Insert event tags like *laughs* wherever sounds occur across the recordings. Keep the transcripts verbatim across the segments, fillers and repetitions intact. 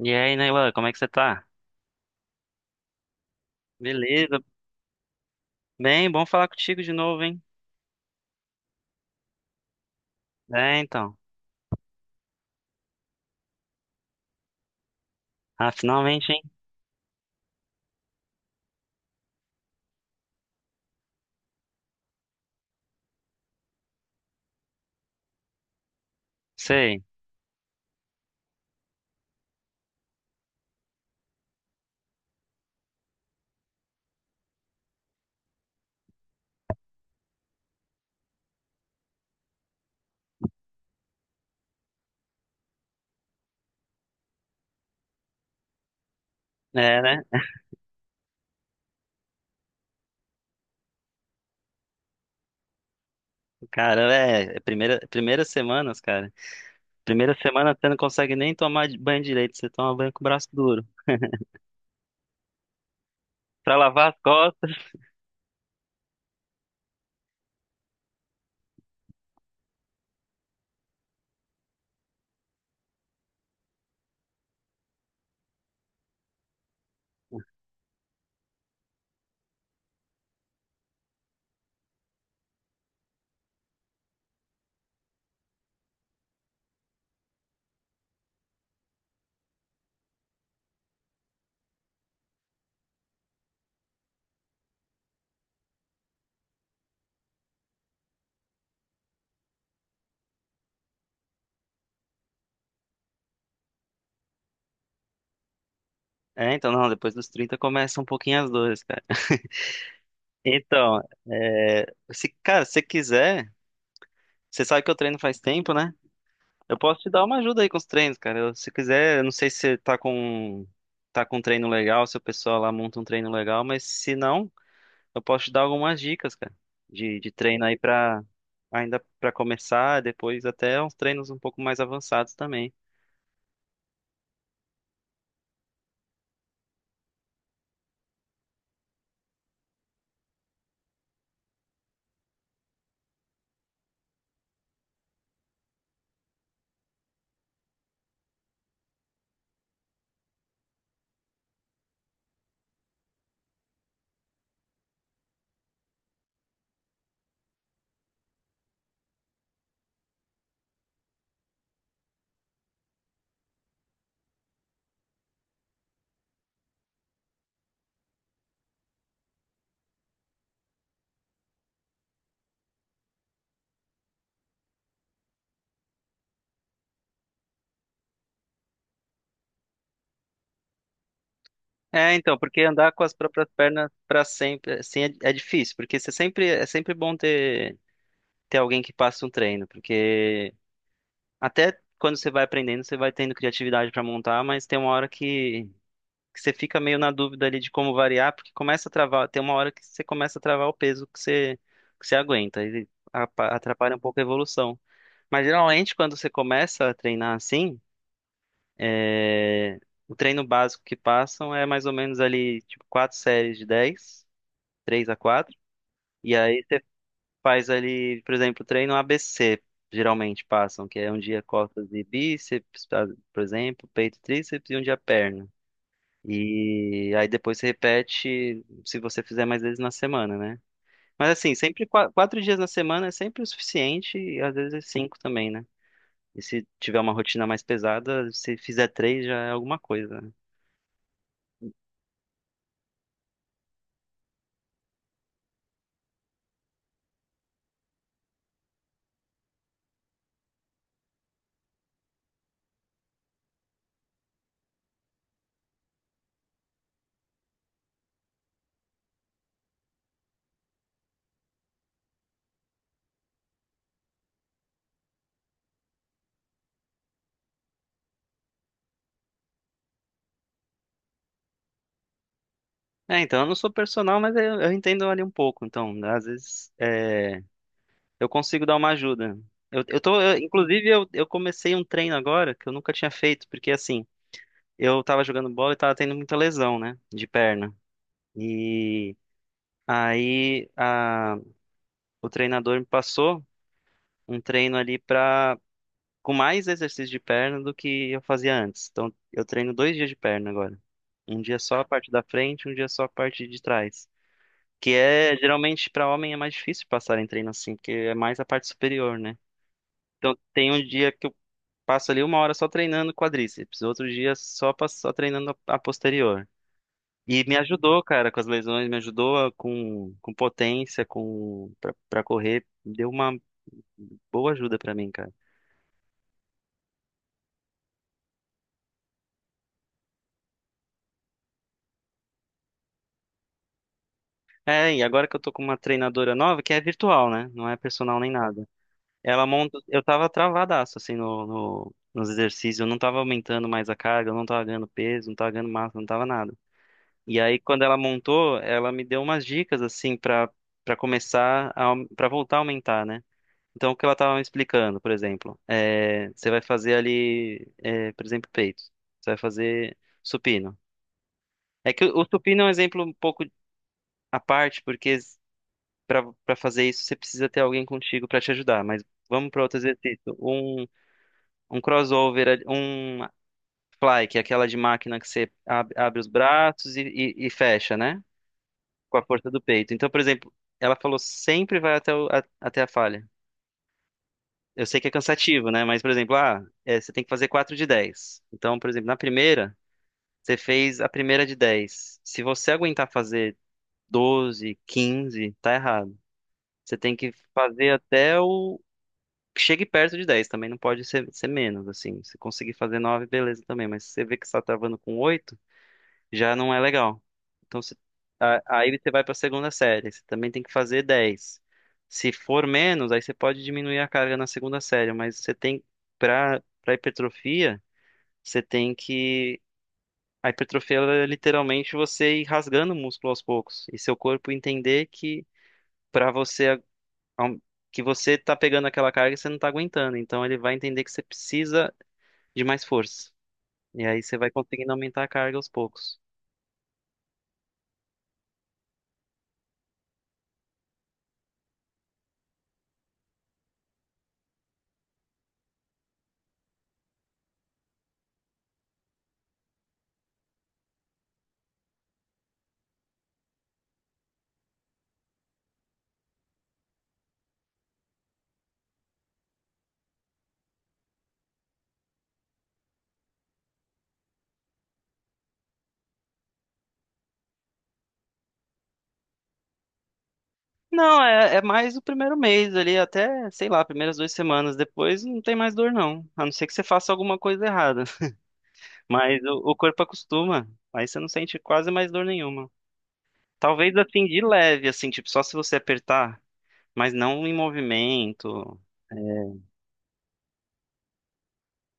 E aí, Neilan, como é que você tá? Beleza. Bem, bom falar contigo de novo, hein? É, então. Ah, finalmente, hein? Sei. É, né? Cara, é, é primeira, primeiras semanas, cara. Primeira semana você não consegue nem tomar banho direito, você toma banho com o braço duro. Pra lavar as costas. É, então, não, depois dos trinta começa um pouquinho as dores, cara. Então, é, se, cara, se você quiser, você sabe que eu treino faz tempo, né? Eu posso te dar uma ajuda aí com os treinos, cara. Eu- se quiser, eu não sei se você tá com tá com um treino legal, se o pessoal lá monta um treino legal, mas se não, eu posso te dar algumas dicas, cara, de, de treino aí pra ainda pra começar, depois até uns treinos um pouco mais avançados também. É, então, porque andar com as próprias pernas pra sempre, assim, é, é difícil, porque você sempre é sempre bom ter ter alguém que passe um treino, porque até quando você vai aprendendo, você vai tendo criatividade pra montar, mas tem uma hora que que você fica meio na dúvida ali de como variar, porque começa a travar, tem uma hora que você começa a travar o peso que você, que você aguenta, e apa- atrapalha um pouco a evolução. Mas geralmente quando você começa a treinar assim, é, o treino básico que passam é mais ou menos ali, tipo, quatro séries de dez três a quatro, e aí você faz ali, por exemplo, treino A B C, geralmente passam, que é um dia costas e bíceps, tá? Por exemplo, peito e tríceps, e um dia perna. E aí depois você repete se você fizer mais vezes na semana, né? Mas assim, sempre qua- quatro dias na semana é sempre o suficiente e às vezes cinco também, né? E se tiver uma rotina mais pesada, se fizer três já é alguma coisa, né? É, então eu não sou personal, mas eu, eu entendo ali um pouco. Então, às vezes é, eu consigo dar uma ajuda. Eu, eu tô, eu- inclusive, eu, eu comecei um treino agora que eu nunca tinha feito, porque assim, eu tava jogando bola e tava tendo muita lesão, né? De perna. e Aí a- o treinador me passou um treino ali pra, com mais exercício de perna do que eu fazia antes. Então eu treino dois dias de perna agora. Um dia só a parte da frente, um dia só a parte de trás. Que é, geralmente, pra homem é mais difícil passar em treino assim, porque é mais a parte superior, né? Então tem um dia que eu passo ali uma hora só treinando quadríceps, outro dia só, passo- só treinando a a posterior. E me ajudou, cara, com as lesões, me ajudou a- com, com potência, com pra, pra correr, deu uma boa ajuda pra mim, cara. É, e agora que eu tô com uma treinadora nova, que é virtual, né? Não é personal nem nada. Ela monta, eu tava travadaço assim no, no- nos exercícios, eu não tava aumentando mais a carga, eu não tava ganhando peso, não tava ganhando massa, não tava nada. E aí quando ela montou, ela me deu umas dicas assim pra para começar a, para voltar a aumentar, né? Então, o que ela estava me explicando, por exemplo, é, você vai fazer ali, é, por exemplo, peito. Você vai fazer supino. É que o, o supino é um exemplo um pouco à parte, porque para para fazer isso você precisa ter alguém contigo para te ajudar. Mas vamos para outro exercício. Um, um crossover, ali- um fly, que é aquela de máquina que você ab- abre os braços e, e- e fecha, né? Com a força do peito. Então, por exemplo, ela falou sempre vai até, o- a- até a falha. Eu sei que é cansativo, né? Mas, por exemplo, ah, é, você tem que fazer quatro de dez. Então, por exemplo, na primeira, você fez a primeira de dez. Se você aguentar fazer doze, quinze, tá errado. Você tem que fazer até o. Chegue perto de dez. Também não pode ser, ser menos, assim. Se conseguir fazer nove, beleza também. Mas se você vê que você tá travando com oito já não é legal. Então, você- a- aí você vai para a segunda série, você também tem que fazer dez. Se for menos, aí você pode diminuir a carga na segunda série, mas você tem, para para hipertrofia, você tem que. A hipertrofia ela é literalmente você ir rasgando o músculo aos poucos e seu corpo entender que para você aum- que você tá pegando aquela carga e você não tá aguentando, então ele vai entender que você precisa de mais força. E aí você vai conseguindo aumentar a carga aos poucos. Não, é, é mais o primeiro mês ali, até, sei lá, primeiras duas semanas depois não tem mais dor, não. A não ser que você faça alguma coisa errada. *laughs* Mas o, o corpo acostuma. Aí você não sente quase mais dor nenhuma. Talvez assim, de leve, assim, tipo, só se você apertar, mas não em movimento.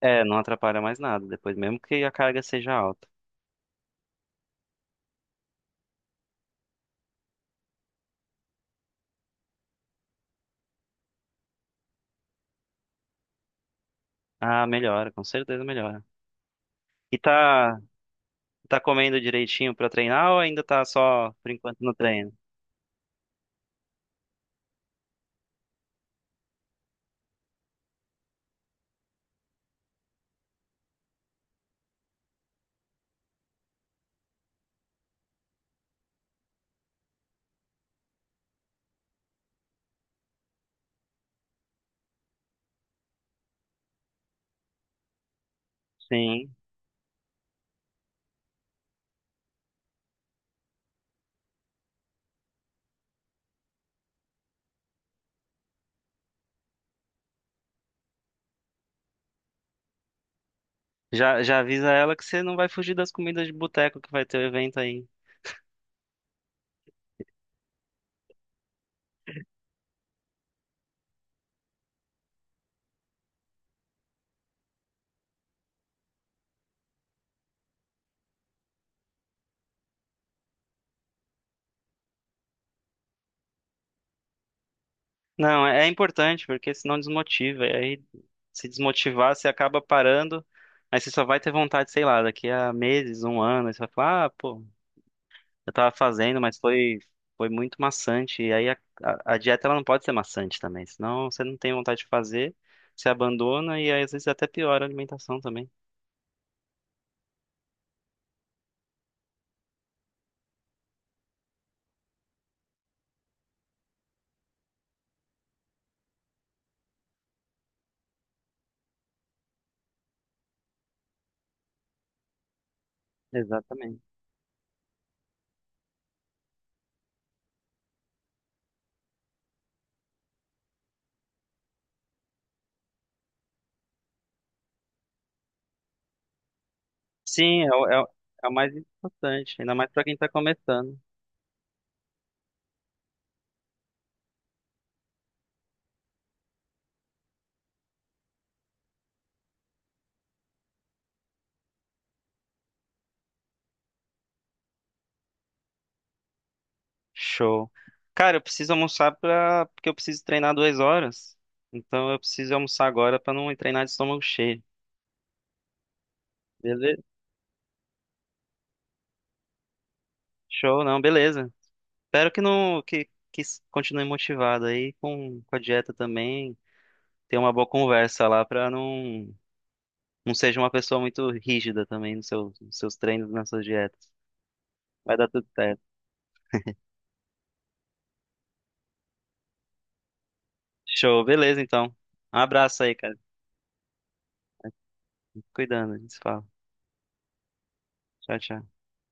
É, é, não atrapalha mais nada depois, mesmo que a carga seja alta. Ah, melhora, com certeza melhora. E tá, tá comendo direitinho pra treinar ou ainda tá só por enquanto no treino? Sim. Já, já avisa ela que você não vai fugir das comidas de boteco que vai ter o evento aí. Não, é, é importante, porque senão desmotiva. E aí, se desmotivar, você acaba parando. Aí você só vai ter vontade, sei lá, daqui a meses, um ano. Aí você vai falar, ah, pô, eu tava fazendo, mas foi, foi muito maçante. E aí a, a, a dieta ela não pode ser maçante também. Senão você não tem vontade de fazer, você abandona e aí, às vezes até piora a alimentação também. Exatamente. Sim, é, o- é, o- é o mais importante, ainda mais pra quem tá começando. Show. Cara, eu preciso almoçar pra... porque eu preciso treinar duas horas. Então eu preciso almoçar agora pra não treinar de estômago cheio. Beleza? Show, não, beleza. Espero que não que, que s- continue motivado aí com, com a dieta também. Ter uma boa conversa lá pra não não seja uma pessoa muito rígida também nos seus, nos seus treinos, nas suas dietas. Vai dar tudo certo. Show, beleza então. Um abraço aí, cara. Cuidando, a gente se fala. Tchau, tchau.